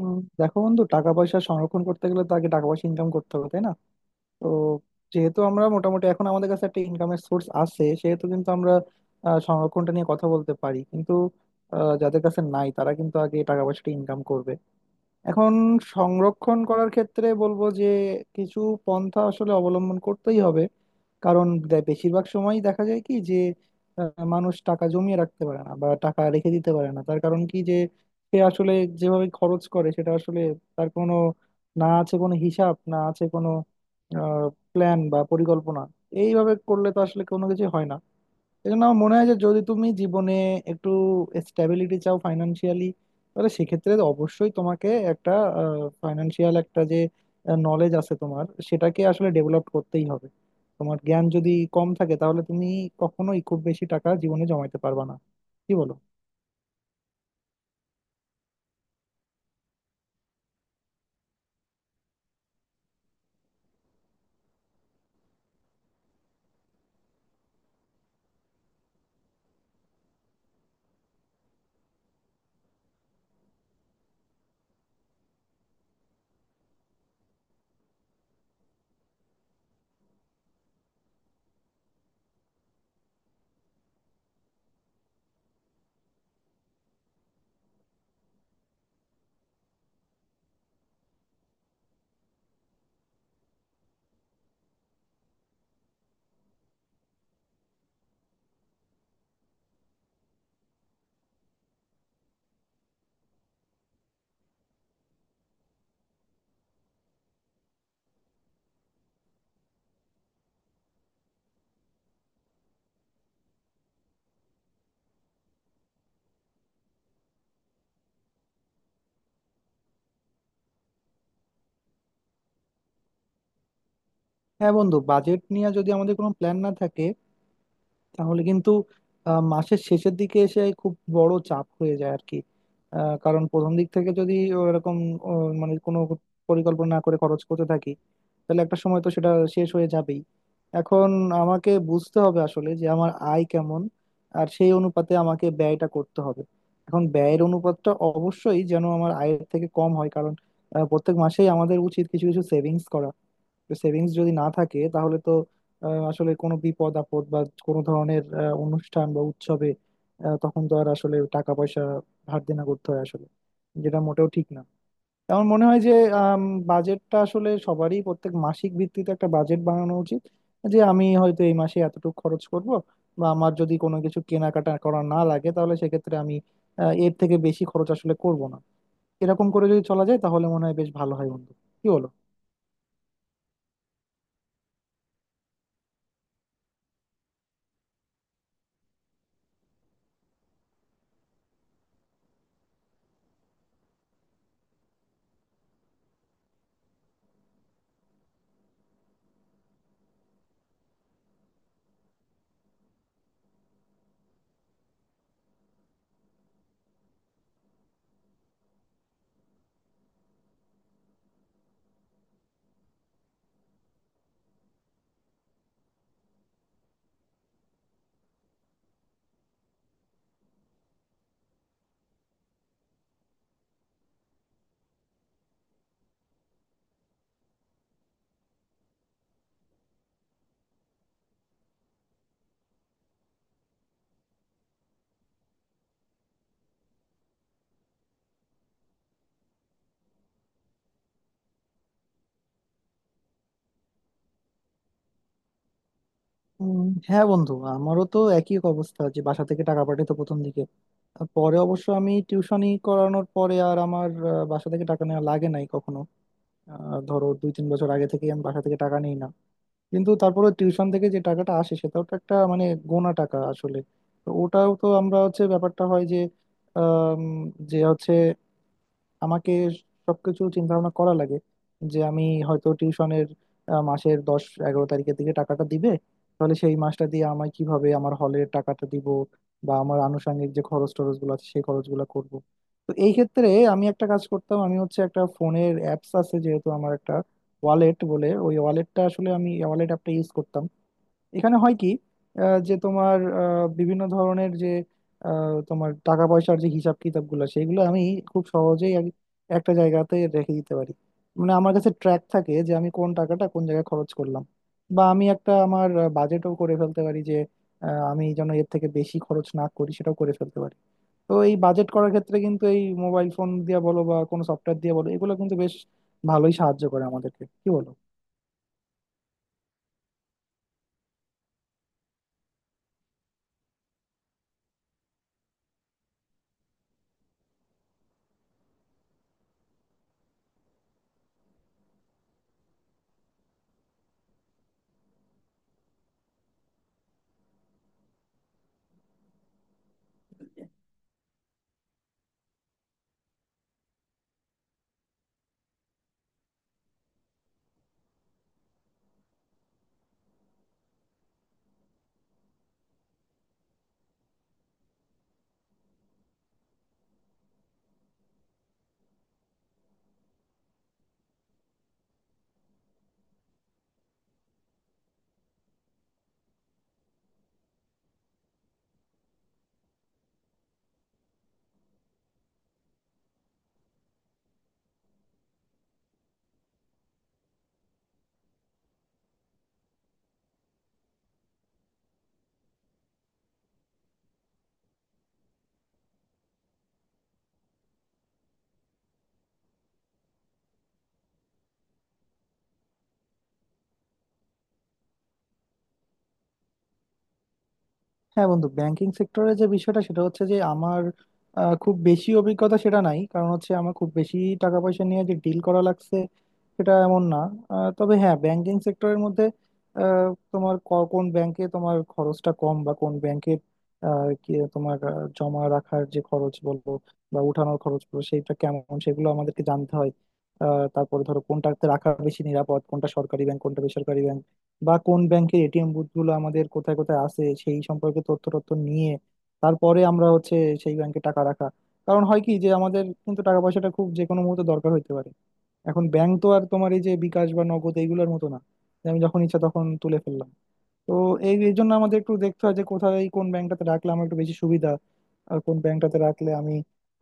দেখো বন্ধু টাকা পয়সা সংরক্ষণ করতে গেলে তো আগে টাকা পয়সা ইনকাম করতে হবে, তাই না? তো যেহেতু আমরা মোটামুটি এখন আমাদের কাছে একটা ইনকামের সোর্স আছে, সেহেতু কিন্তু আমরা সংরক্ষণটা নিয়ে কথা বলতে পারি, কিন্তু যাদের কাছে নাই তারা কিন্তু আগে টাকা পয়সাটা ইনকাম করবে। এখন সংরক্ষণ করার ক্ষেত্রে বলবো যে কিছু পন্থা আসলে অবলম্বন করতেই হবে। কারণ বেশিরভাগ সময়ই দেখা যায় কি যে মানুষ টাকা জমিয়ে রাখতে পারে না বা টাকা রেখে দিতে পারে না, তার কারণ কি যে সে আসলে যেভাবে খরচ করে সেটা আসলে তার কোনো, না আছে কোনো হিসাব না আছে কোনো প্ল্যান বা পরিকল্পনা। এইভাবে করলে তো আসলে কোনো কিছু হয় না। এই জন্য আমার মনে হয় যে যদি তুমি জীবনে একটু স্ট্যাবিলিটি চাও ফাইনান্সিয়ালি, তাহলে সেক্ষেত্রে অবশ্যই তোমাকে একটা ফাইনান্সিয়াল একটা যে নলেজ আছে তোমার সেটাকে আসলে ডেভেলপ করতেই হবে। তোমার জ্ঞান যদি কম থাকে তাহলে তুমি কখনোই খুব বেশি টাকা জীবনে জমাইতে পারবা না। কি বলো? হ্যাঁ বন্ধু, বাজেট নিয়ে যদি আমাদের কোনো প্ল্যান না থাকে তাহলে কিন্তু মাসের শেষের দিকে এসে খুব বড় চাপ হয়ে যায় আর কি। কারণ প্রথম দিক থেকে যদি এরকম মানে কোনো পরিকল্পনা না করে খরচ করতে থাকি তাহলে একটা সময় তো সেটা শেষ হয়ে যাবেই। এখন আমাকে বুঝতে হবে আসলে যে আমার আয় কেমন, আর সেই অনুপাতে আমাকে ব্যয়টা করতে হবে। এখন ব্যয়ের অনুপাতটা অবশ্যই যেন আমার আয়ের থেকে কম হয়, কারণ প্রত্যেক মাসেই আমাদের উচিত কিছু কিছু সেভিংস করা। সেভিংস যদি না থাকে তাহলে তো আসলে কোনো বিপদ আপদ বা কোনো ধরনের অনুষ্ঠান বা উৎসবে তখন তো আর আসলে টাকা পয়সা ধার দেনা করতে হয় আসলে, যেটা মোটেও ঠিক না। আমার মনে হয় যে বাজেটটা আসলে সবারই প্রত্যেক মাসিক ভিত্তিতে একটা বাজেট বানানো উচিত, যে আমি হয়তো এই মাসে এতটুকু খরচ করব, বা আমার যদি কোনো কিছু কেনাকাটা করা না লাগে তাহলে সেক্ষেত্রে আমি এর থেকে বেশি খরচ আসলে করব না। এরকম করে যদি চলা যায় তাহলে মনে হয় বেশ ভালো হয় বন্ধু। কি বলো? উম, হ্যাঁ বন্ধু, আমারও তো একই অবস্থা, যে বাসা থেকে টাকা পাঠাতো প্রথম দিকে। আর পরে অবশ্য আমি টিউশনি করানোর পরে আর আমার বাসা থেকে টাকা নেওয়া লাগে নাই কখনো। ধরো 2-3 বছর আগে থেকে আমি বাসা থেকে টাকা নেই না, কিন্তু তারপরে টিউশন থেকে যে টাকাটা আসে সেটাও তো একটা মানে গোনা টাকা আসলে। তো ওটাও তো আমরা হচ্ছে ব্যাপারটা হয় যে আম, যে হচ্ছে আমাকে সবকিছু চিন্তা ভাবনা করা লাগে, যে আমি হয়তো টিউশনের মাসের 10-11 তারিখের দিকে টাকাটা দিবে, তাহলে সেই মাসটা দিয়ে আমি কিভাবে আমার হলের টাকাটা দিব, বা আমার আনুষঙ্গিক যে খরচ টরচ গুলো আছে সেই খরচগুলো করব। তো এই ক্ষেত্রে আমি একটা কাজ করতাম, আমি হচ্ছে একটা ফোনের অ্যাপস আছে যেহেতু, আমার একটা ওয়ালেট বলে, ওই ওয়ালেটটা আসলে আমি ওয়ালেট অ্যাপটা ইউজ করতাম। এখানে হয় কি যে তোমার বিভিন্ন ধরনের যে তোমার টাকা পয়সার যে হিসাব কিতাব গুলো সেগুলো আমি খুব সহজেই আর একটা জায়গাতে রেখে দিতে পারি। মানে আমার কাছে ট্র্যাক থাকে যে আমি কোন টাকাটা কোন জায়গায় খরচ করলাম, বা আমি একটা আমার বাজেটও করে ফেলতে পারি যে আমি যেন এর থেকে বেশি খরচ না করি সেটাও করে ফেলতে পারি। তো এই বাজেট করার ক্ষেত্রে কিন্তু এই মোবাইল ফোন দিয়ে বলো বা কোনো সফটওয়্যার দিয়ে বলো, এগুলো কিন্তু বেশ ভালোই সাহায্য করে আমাদেরকে। কি বলো? হ্যাঁ বন্ধু, ব্যাংকিং সেক্টরে যে বিষয়টা সেটা হচ্ছে যে আমার খুব বেশি অভিজ্ঞতা সেটা নাই, কারণ হচ্ছে আমার খুব বেশি টাকা পয়সা নিয়ে যে ডিল করা লাগছে সেটা এমন না। তবে হ্যাঁ, ব্যাংকিং সেক্টরের মধ্যে আহ, তোমার কোন ব্যাংকে তোমার খরচটা কম বা কোন ব্যাংকে তোমার জমা রাখার যে খরচ বলবো বা উঠানোর খরচ বলবো সেইটা কেমন সেগুলো আমাদেরকে জানতে হয়। তারপরে ধরো কোনটাতে রাখা বেশি নিরাপদ, কোনটা সরকারি ব্যাংক, কোনটা বেসরকারি ব্যাংক, বা কোন ব্যাংকের এটিএম বুথগুলো আমাদের কোথায় কোথায় আছে সেই সম্পর্কে তথ্য তথ্য নিয়ে তারপরে আমরা হচ্ছে সেই ব্যাংকে টাকা রাখা। কারণ হয় কি যে আমাদের কিন্তু টাকা পয়সাটা খুব যে কোনো মুহূর্তে দরকার হইতে পারে। এখন ব্যাংক তো আর তোমার এই যে বিকাশ বা নগদ এইগুলোর মতো না, যে আমি যখন ইচ্ছা তখন তুলে ফেললাম। তো এই এই জন্য আমাদের একটু দেখতে হয় যে কোথায় কোন ব্যাংকটাতে রাখলে আমার একটু বেশি সুবিধা, আর কোন ব্যাংকটাতে রাখলে আমি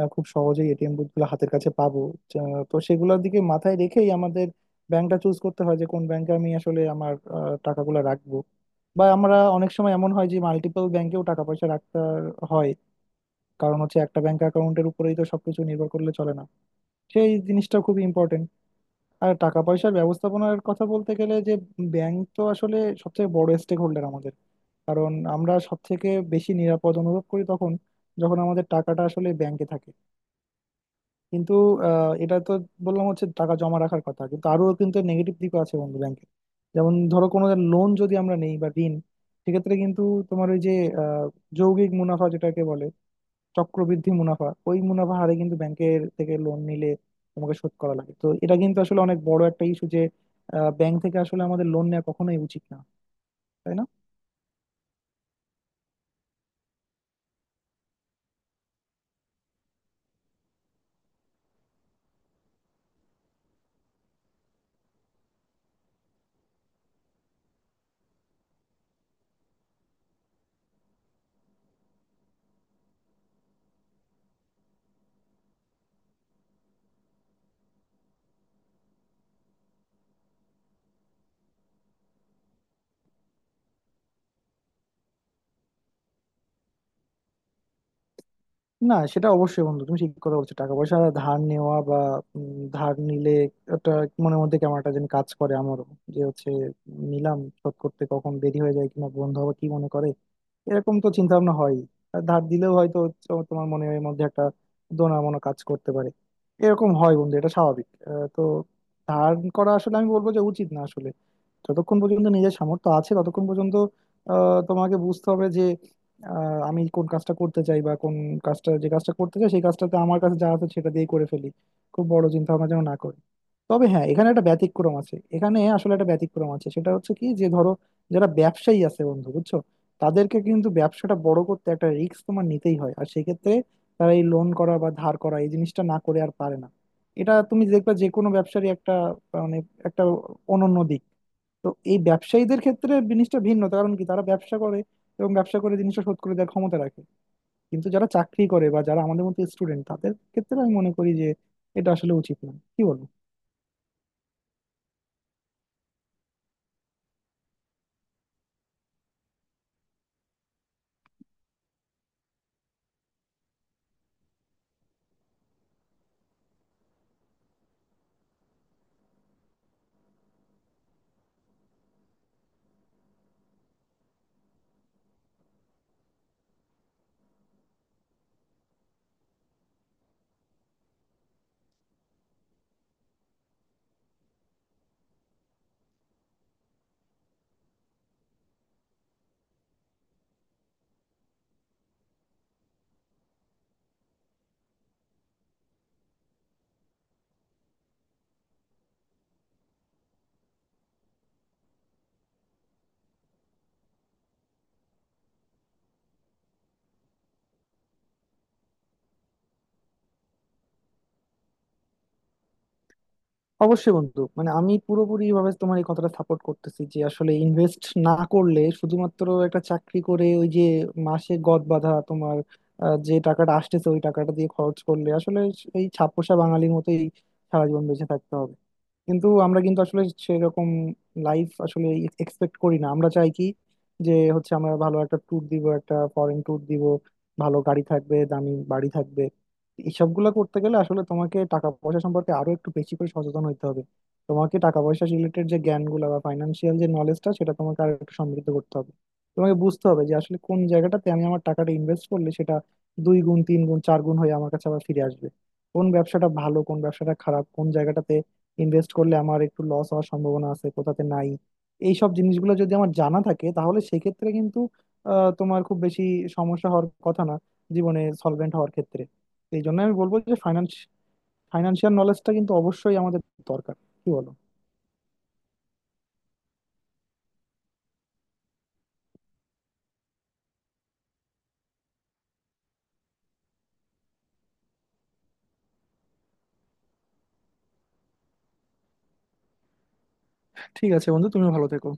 খুব সহজেই এটিএম বুথগুলো হাতের কাছে পাবো। তো সেগুলোর দিকে মাথায় রেখেই আমাদের ব্যাংকটা চুজ করতে হয় যে কোন ব্যাংকে আমি আসলে আমার টাকাগুলো রাখবো। বা আমরা অনেক সময় এমন হয় যে মাল্টিপল ব্যাংকেও টাকা পয়সা রাখতে হয়, কারণ হচ্ছে একটা ব্যাংক অ্যাকাউন্টের উপরেই তো সবকিছু নির্ভর করলে চলে না। সেই জিনিসটা খুব ইম্পর্টেন্ট। আর টাকা পয়সার ব্যবস্থাপনার কথা বলতে গেলে যে ব্যাংক তো আসলে সবচেয়ে বড় স্টেক হোল্ডার আমাদের, কারণ আমরা সব থেকে বেশি নিরাপদ অনুভব করি তখন যখন আমাদের টাকাটা আসলে ব্যাংকে থাকে। কিন্তু এটা তো বললাম হচ্ছে টাকা জমা রাখার কথা, কিন্তু আরো কিন্তু নেগেটিভ দিকও আছে বন্ধু ব্যাংকে। যেমন ধরো কোনো লোন যদি আমরা নেই বা ঋণ, সেক্ষেত্রে কিন্তু তোমার ওই যে আহ, যৌগিক মুনাফা যেটাকে বলে চক্রবৃদ্ধি মুনাফা, ওই মুনাফা হারে কিন্তু ব্যাংকের থেকে লোন নিলে তোমাকে শোধ করা লাগে। তো এটা কিন্তু আসলে অনেক বড় একটা ইস্যু যে ব্যাংক থেকে আসলে আমাদের লোন নেওয়া কখনোই উচিত না। তাই না? না সেটা অবশ্যই বন্ধু, তুমি ঠিক কথা বলছো। টাকা পয়সা ধার নেওয়া বা ধার নিলে একটা মনের মধ্যে কেমন একটা যেন কাজ করে আমারও, যে হচ্ছে নিলাম শোধ করতে কখন দেরি হয়ে যায় কিনা বন্ধু, আবার কি মনে করে, এরকম তো চিন্তা ভাবনা হয়। আর ধার দিলেও হয়তো তোমার মনের মধ্যে একটা দোনা মনো কাজ করতে পারে। এরকম হয় বন্ধু, এটা স্বাভাবিক। তো ধার করা আসলে আমি বলবো যে উচিত না আসলে। যতক্ষণ পর্যন্ত নিজের সামর্থ্য আছে ততক্ষণ পর্যন্ত তোমাকে বুঝতে হবে আমি কোন কাজটা করতে চাই, বা কোন কাজটা যে কাজটা করতে চাই সেই কাজটাতে আমার কাছে যা আছে সেটা দিয়েই করে ফেলি, খুব বড় চিন্তা ভাবনা যেন না করি। তবে হ্যাঁ, এখানে একটা ব্যতিক্রম আছে, এখানে আসলে একটা ব্যতিক্রম আছে, সেটা হচ্ছে কি যে ধরো যারা ব্যবসায়ী আছে বন্ধু বুঝছো, তাদেরকে কিন্তু ব্যবসাটা বড় করতে একটা রিস্ক তোমার নিতেই হয়, আর সেক্ষেত্রে তারা এই লোন করা বা ধার করা এই জিনিসটা না করে আর পারে না। এটা তুমি দেখবা যে কোনো ব্যবসারই একটা মানে একটা অনন্য দিক। তো এই ব্যবসায়ীদের ক্ষেত্রে জিনিসটা ভিন্ন কারণ কি, এবং ব্যবসা করে জিনিসটা শোধ করে দেওয়ার ক্ষমতা রাখে। কিন্তু যারা চাকরি করে বা যারা আমাদের মতো স্টুডেন্ট তাদের ক্ষেত্রে আমি মনে করি যে এটা আসলে উচিত না। কি বলবো? অবশ্যই বন্ধু, মানে আমি পুরোপুরি ভাবে তোমার এই কথাটা সাপোর্ট করতেছি, যে আসলে ইনভেস্ট না করলে শুধুমাত্র একটা চাকরি করে ওই যে মাসে গদ বাঁধা তোমার যে টাকাটা আসতেছে ওই টাকাটা দিয়ে খরচ করলে আসলে এই ছাপোষা বাঙালির মতোই সারা জীবন বেঁচে থাকতে হবে। কিন্তু আমরা কিন্তু আসলে সেরকম লাইফ আসলে এক্সপেক্ট করি না। আমরা চাই কি যে হচ্ছে আমরা ভালো একটা ট্যুর দিব, একটা ফরেন ট্যুর দিব, ভালো গাড়ি থাকবে, দামি বাড়ি থাকবে। এইসবগুলো করতে গেলে আসলে তোমাকে টাকা পয়সা সম্পর্কে আরো একটু বেশি করে সচেতন হতে হবে। তোমাকে টাকা পয়সা রিলেটেড যে জ্ঞানগুলো বা ফাইন্যান্সিয়াল যে নলেজটা সেটা তোমাকে আর একটু সমৃদ্ধ করতে হবে। তোমাকে বুঝতে হবে যে আসলে কোন জায়গাটাতে আমি আমার টাকাটা ইনভেস্ট করলে সেটা দুই গুণ তিন গুণ চার গুণ হয়ে আমার কাছে আবার ফিরে আসবে, কোন ব্যবসাটা ভালো কোন ব্যবসাটা খারাপ, কোন জায়গাটাতে ইনভেস্ট করলে আমার একটু লস হওয়ার সম্ভাবনা আছে কোথাতে নাই। এই সব জিনিসগুলো যদি আমার জানা থাকে তাহলে সেক্ষেত্রে কিন্তু তোমার খুব বেশি সমস্যা হওয়ার কথা না জীবনে সলভেন্ট হওয়ার ক্ষেত্রে। এই জন্য আমি বলবো যে ফাইন্যান্স ফাইন্যান্সিয়াল নলেজটা কিন্তু অবশ্যই আমাদের দরকার। কি বলো? ঠিক আছে বন্ধু, তুমি ভালো থেকো।